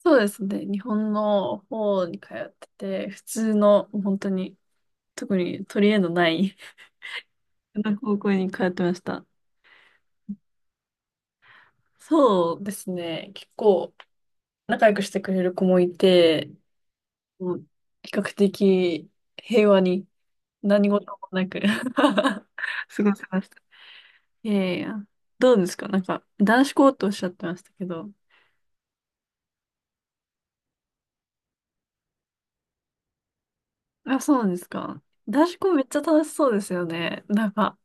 そうですね。日本の方に通ってて、普通の、本当に、特に取り柄のない 普通の高校に通ってました。そうですね。結構、仲良くしてくれる子もいて、もう比較的平和に何事もなく 過ごせました。いやいや、どうですか、なんか、男子校とおっしゃってましたけど。あ、そうなんですか。男子校めっちゃ楽しそうですよね。なんか、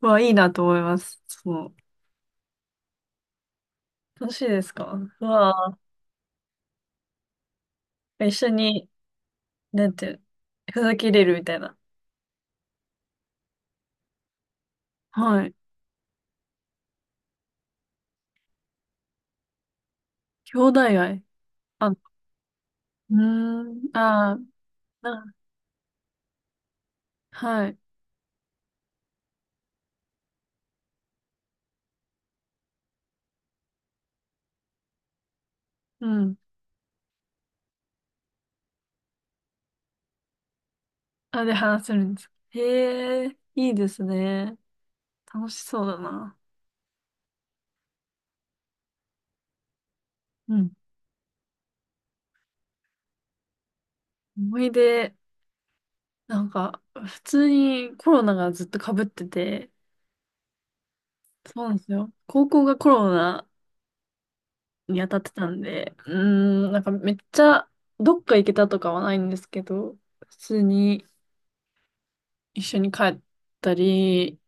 うわあ、いいなと思います。そう、楽しいですか？うわぁ、一緒に、なんて、ふざけれるみたいな。はい。兄弟愛。あ、うーん、あー、な、はい、うん。あ、で話せるんです。へえ、いいですね。楽しそうだな。うん。思い出、なんか、普通にコロナがずっと被ってて、そうなんですよ。高校がコロナに当たってたんで、うーん、なんかめっちゃ、どっか行けたとかはないんですけど、普通に、一緒に帰ったり、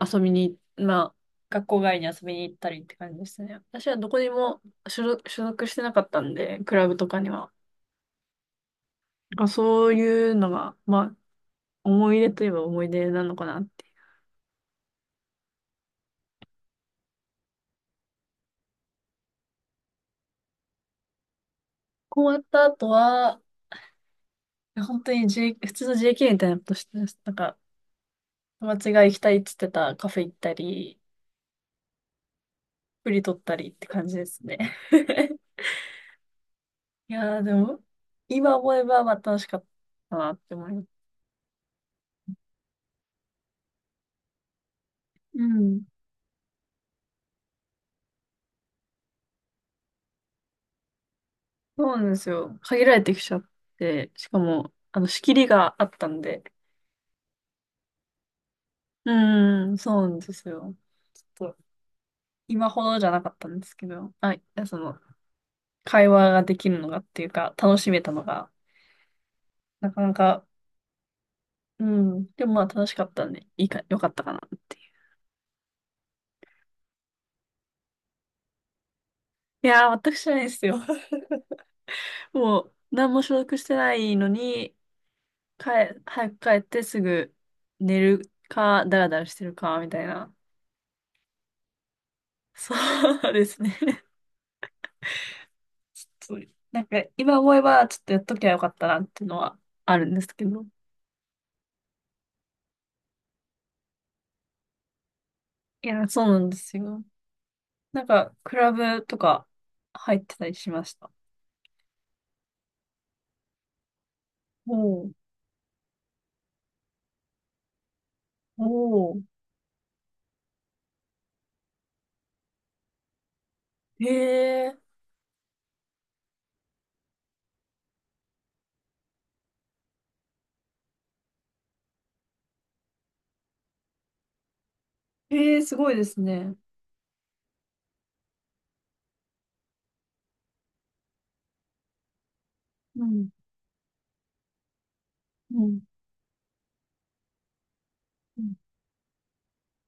遊びに、まあ、学校外に遊びに行ったりって感じでしたね。私はどこにも所属してなかったんで、クラブとかには。なんかそういうのが、まあ、思い出といえば思い出なのかなって。こう終わった後は、本当に、普通の JK みたいなことしてます、なんか、友達が行きたいって言ってたカフェ行ったり、プリ取ったりって感じですね。いやー、でも、今思えばまあ楽しかったなって思います。うん。そうなんですよ。限られてきちゃって、しかも、あの、仕切りがあったんで。うーん、そうなんですよ。ちょっと、今ほどじゃなかったんですけど、はい、その、会話ができるのがっていうか、楽しめたのが、なかなか、うん、でもまあ楽しかったんで、いいか、よかったかなっていう。いやー、全く知らないですよ。もう、何も所属してないのに、帰、早く帰ってすぐ寝るか、ダラダラしてるか、みたいな。そうですね。そう、なんか今思えばちょっとやっときゃよかったなっていうのはあるんですけど。いや、そうなんですよ。なんか、クラブとか入ってたりしました。おお、おお、へえ、へえ、すごいですね。うん、うん、うん、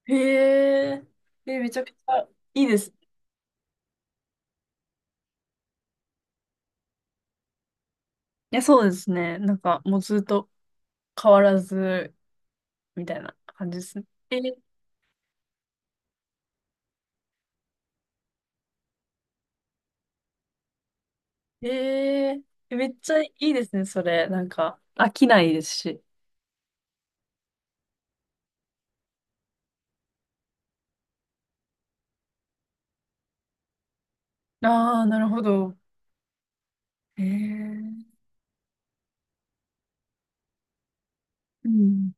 へえ、え、めちゃくちゃいいです。いや、そうですね。なんか、もうずっと変わらず、みたいな感じですね。え、へえー、めっちゃいいですね、それ。なんか、飽きないですし。ああ、なるほど。へえ、うん。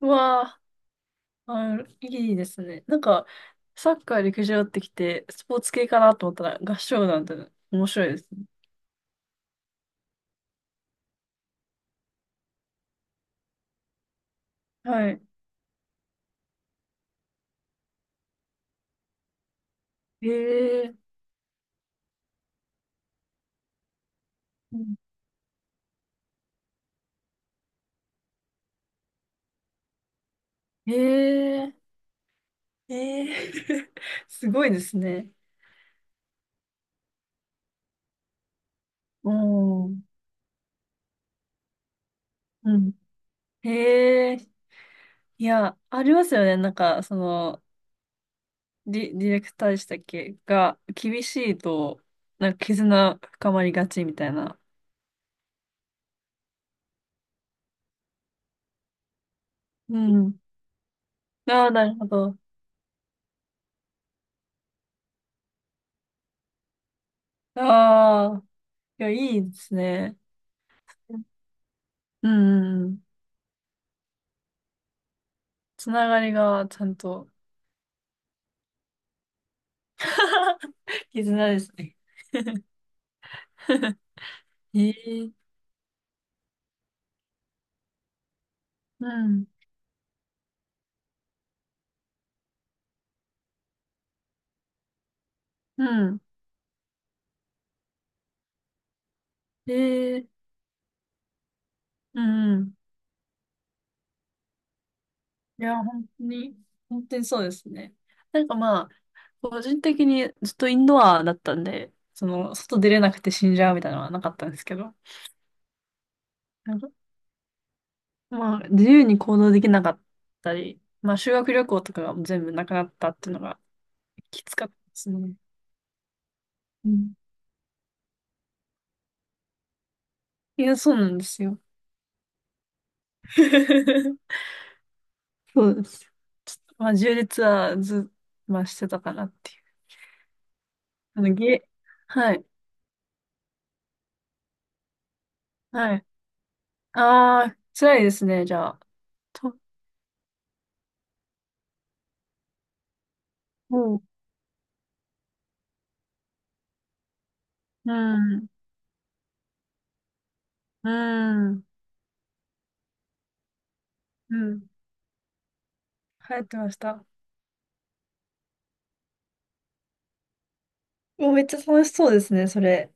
うわあ、あ、いいですね。なんか、サッカー、陸上ってきて、スポーツ系かなと思ったら、合唱団って面白いですね。はい。へえ、うん、へえ、へえ すごいですね。うん。うん。へえ、いや、ありますよね。なんか、その、ディレクターでしたっけが、厳しいと、なんか絆深まりがちみたいな。うん。ああ、なるほど。ああ。いや、いいですね。うん、うん、うん、つながりがちゃんと 絆ですね。ええ、うん。うん。ええ、うん、うん。いや、本当に、本当にそうですね。なんかまあ、個人的にずっとインドアだったんで、その、外出れなくて死んじゃうみたいなのはなかったんですけど、なんか、まあ、自由に行動できなかったり、まあ、修学旅行とかが全部なくなったっていうのがきつかったですね。うん。いや、そうなんですよ。そうです。まあ、縦列はず、まあ、してたかなっていう。あの、げ、はい、はい。ああ、辛いですね、じゃあ。と、もう、うん、うん、うん。流行ってました。もうめっちゃ楽しそうですね、それ。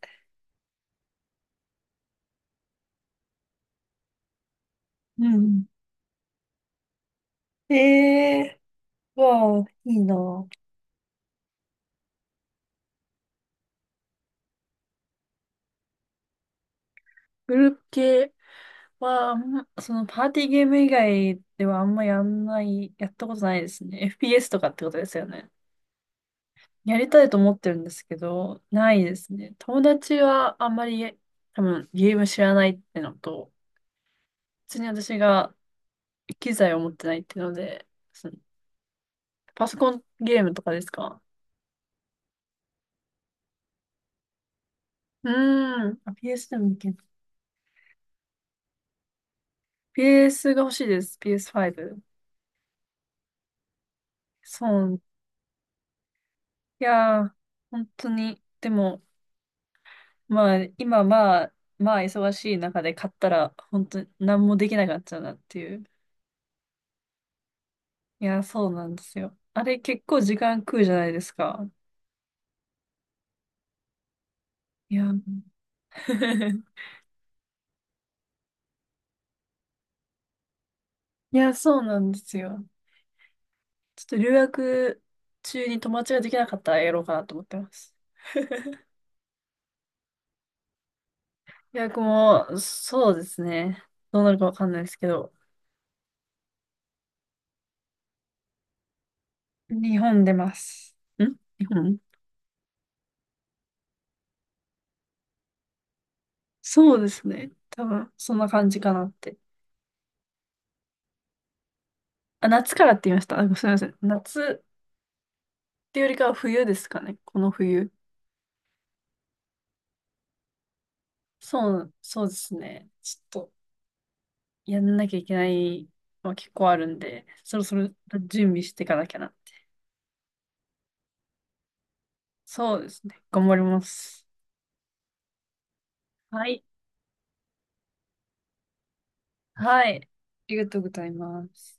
うん。ええー、わあ、いいな、グループ系は、あんまそのパーティーゲーム以外ではあんまやんない、やったことないですね。FPS とかってことですよね。やりたいと思ってるんですけど、ないですね。友達はあんまり多分ゲーム知らないってのと、普通に私が機材を持ってないっていうので、その、パソコンゲームとかですか？うーん、あ PS でもいける。PS が欲しいです。PS5。そう。いやー、本当に。でも、まあ、今まあ、まあ忙しい中で買ったら、本当に何もできなくなっちゃうなっていう。いやー、そうなんですよ。あれ結構時間食うじゃないですか。いやー、いや、そうなんですよ。ちょっと留学中に友達ができなかったらやろうかなと思ってます。留学も、そうですね。どうなるかわかんないですけど、日本出ます。ん日本そうですね。多分、そんな感じかなって。あ、夏からって言いました。あ、すみません。夏っていうよりかは冬ですかね。この冬。そう、そうですね。ちょっと、やんなきゃいけない、まあ、結構あるんで、そろそろ準備していかなきゃな。そうですね。頑張ります。はい。はい。ありがとうございます。